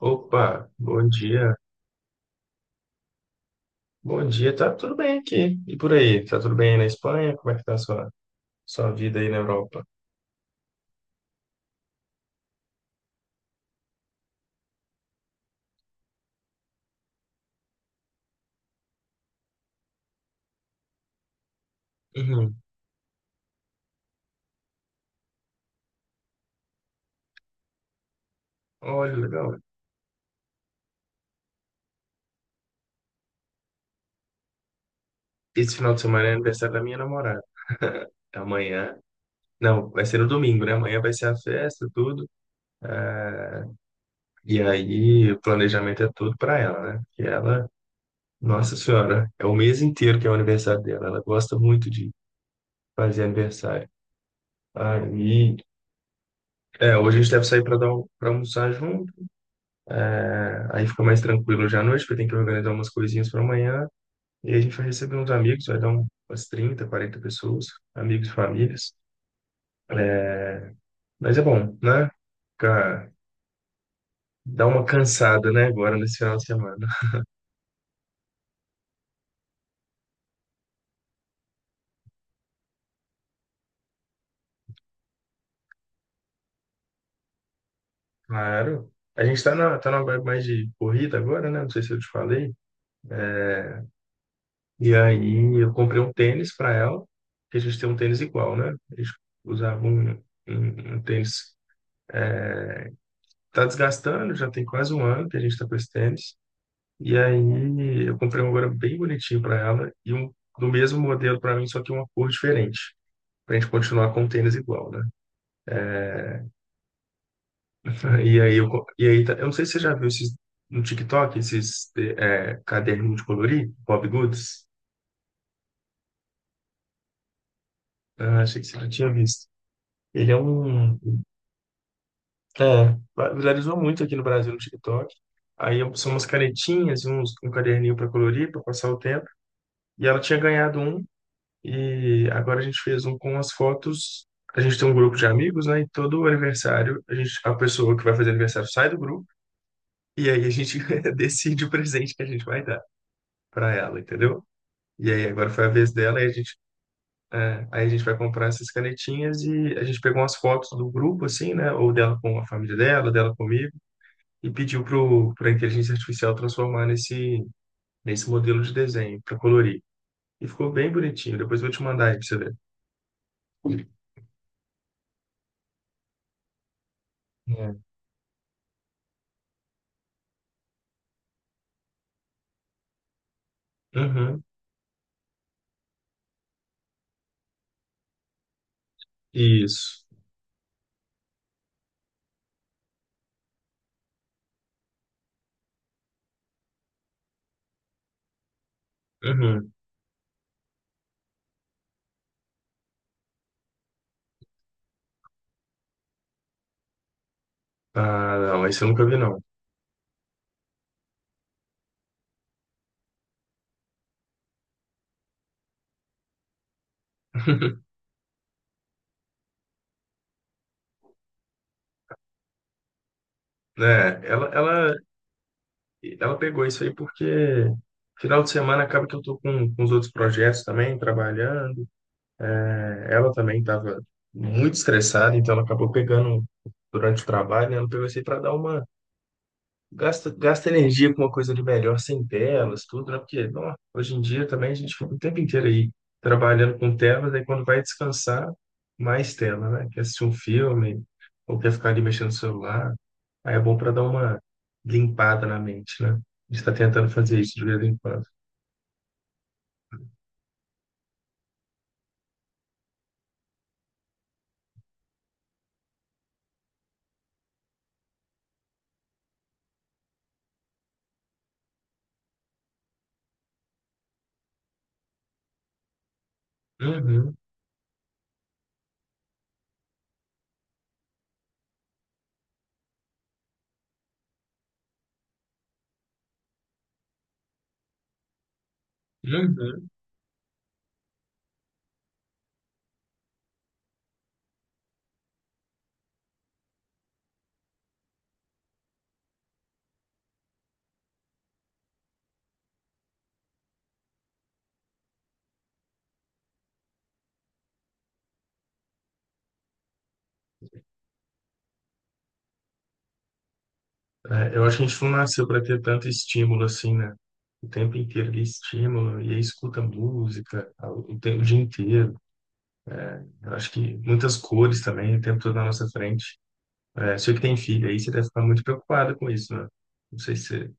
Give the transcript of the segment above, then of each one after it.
Opa, bom dia. Bom dia, tá tudo bem aqui. E por aí? Tá tudo bem aí na Espanha? Como é que tá a sua vida aí na Europa? Uhum. Olha, legal. Esse final de semana é aniversário da minha namorada. Amanhã. Não, vai ser no domingo, né? Amanhã vai ser a festa, tudo. É, E aí, o planejamento é tudo pra ela, né? Nossa senhora, é o mês inteiro que é o aniversário dela. Ela gosta muito de fazer aniversário. Aí, é, hoje a gente deve sair pra para almoçar junto. É, aí fica mais tranquilo já à noite, porque tem que organizar umas coisinhas para amanhã. E aí a gente vai receber uns amigos, vai umas 30, 40 pessoas, amigos e famílias. É, mas é bom, né? Fica- Dá uma cansada, né, agora nesse final de semana. Claro. A gente tá numa vibe mais de corrida agora, né? Não sei se eu te falei. E aí eu comprei um tênis para ela, que a gente tem um tênis igual, né? A gente usava um tênis. É, Tá desgastando, já tem quase um ano que a gente tá com esse tênis. E aí eu comprei um agora bem bonitinho para ela e um do mesmo modelo para mim, só que uma cor diferente, para a gente continuar com o tênis igual, né? E aí eu, co- e aí tá- Eu não sei se você já viu esses no TikTok, esses é, caderninho de colorir, Bob Goods. Ah, achei que você já tinha visto. Ele é um, é, Viralizou muito aqui no Brasil no TikTok. Aí são umas canetinhas, um caderninho para colorir, para passar o tempo. E ela tinha ganhado um. E agora a gente fez um com as fotos. A gente tem um grupo de amigos, né? E todo aniversário, a pessoa que vai fazer aniversário sai do grupo e aí a gente decide o presente que a gente vai dar para ela, entendeu? E aí agora foi a vez dela e aí a gente vai comprar essas canetinhas e a gente pegou umas fotos do grupo, assim, né? Ou dela com a família dela, dela comigo, e pra inteligência artificial transformar nesse modelo de desenho para colorir. E ficou bem bonitinho. Depois eu vou te mandar aí pra você ver. É. Uhum. Isso. Uhum. Ah, não, esse eu nunca vi, não. Né? Ela, ela, ela pegou isso aí porque final de semana acaba que eu tô com os outros projetos também, trabalhando. É, ela também estava muito estressada, então ela acabou pegando durante o trabalho, né? Ela pegou isso aí para dar uma... Gasta, gasta energia com uma coisa ali melhor, sem telas, tudo, né? Porque, não, hoje em dia também a gente fica o tempo inteiro aí trabalhando com telas, aí quando vai descansar, mais tela, né? Quer assistir um filme, ou quer ficar ali mexendo no celular. Aí é bom para dar uma limpada na mente, né? A gente tá tentando fazer isso de vez em quando. Uhum, uhum. É, eu acho que a gente não nasceu para ter tanto estímulo assim, né? O tempo inteiro de estímulo, e aí escuta música tempo, o dia inteiro. Eu acho que muitas cores também, o tempo todo na nossa frente. É, sei que tem filho aí, você deve ficar muito preocupado com isso, né? Não sei se... você-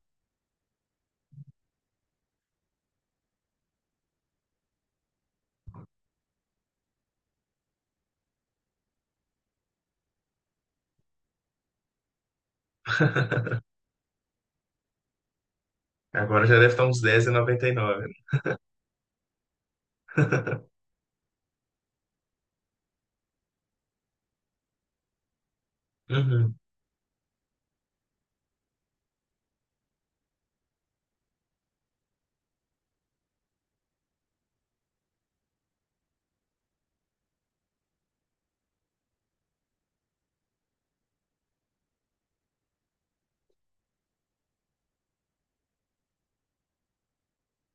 Agora já deve estar uns 10,99. Uhum.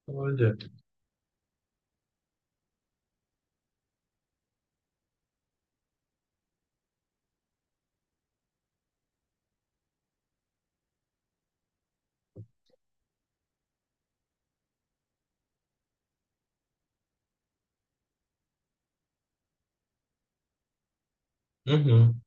Olha. Uhum.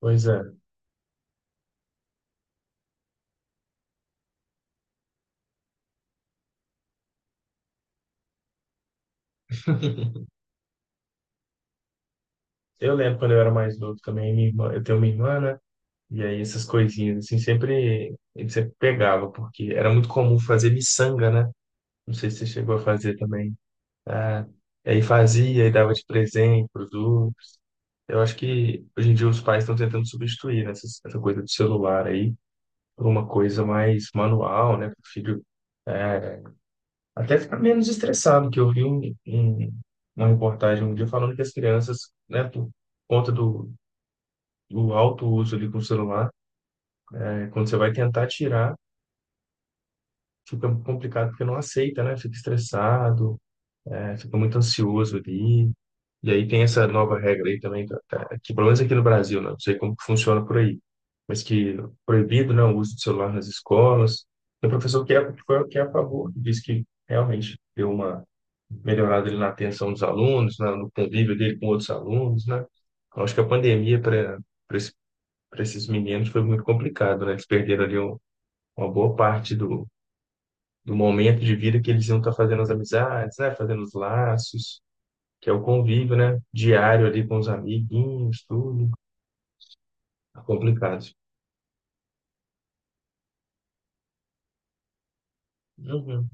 Pois é. Eu lembro quando eu era mais novo também, minha irmã, eu tenho uma irmã, né? E aí essas coisinhas, assim, sempre, ele sempre pegava, porque era muito comum fazer miçanga, né? Não sei se você chegou a fazer também. Ah, aí fazia e dava de presente pros outros. Eu acho que hoje em dia os pais estão tentando substituir, né, essa coisa do celular aí por uma coisa mais manual, né, para o filho é, até ficar menos estressado, que eu vi uma reportagem um dia falando que as crianças, né, por conta do, do alto uso ali com o celular, né, quando você vai tentar tirar, fica complicado porque não aceita, né, fica estressado, é, fica muito ansioso ali. E aí tem essa nova regra aí também, que pelo menos aqui no Brasil, né? Não sei como que funciona por aí, mas que proibido, né, o uso de celular nas escolas. Tem um professor que é a favor, que diz que realmente deu uma melhorada ali na atenção dos alunos, no convívio dele com outros alunos, né? Eu acho que a pandemia para esses meninos foi muito complicado, né? Eles perderam ali uma boa parte do momento de vida que eles iam estar fazendo as amizades, né? Fazendo os laços que é o convívio, né? Diário ali com os amiguinhos, tudo. É complicado. Uhum,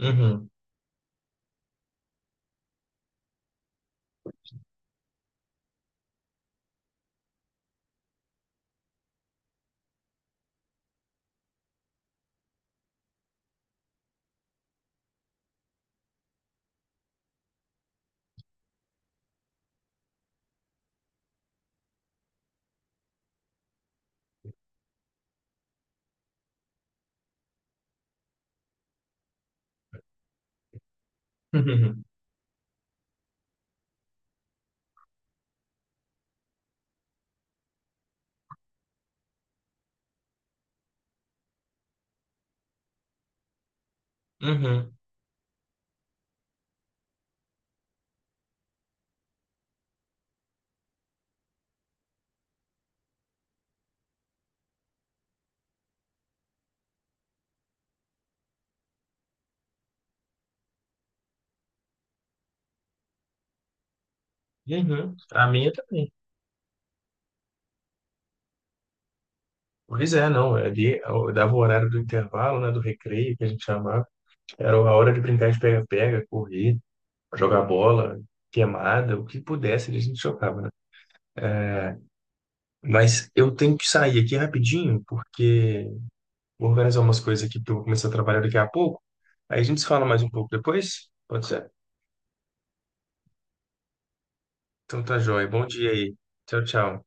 uhum, uhum, uhum, uhum. A minha também. Pois é, não. É ali eu dava o horário do intervalo, né? Do recreio, que a gente chamava. Era a hora de brincar de pega-pega, correr, jogar bola, queimada, o que pudesse, a gente jogava, né? Mas eu tenho que sair aqui rapidinho, porque vou organizar umas coisas aqui, porque eu vou começar a trabalhar daqui a pouco. Aí a gente se fala mais um pouco depois? Pode ser? Então tá joia. Bom dia aí. Tchau, tchau.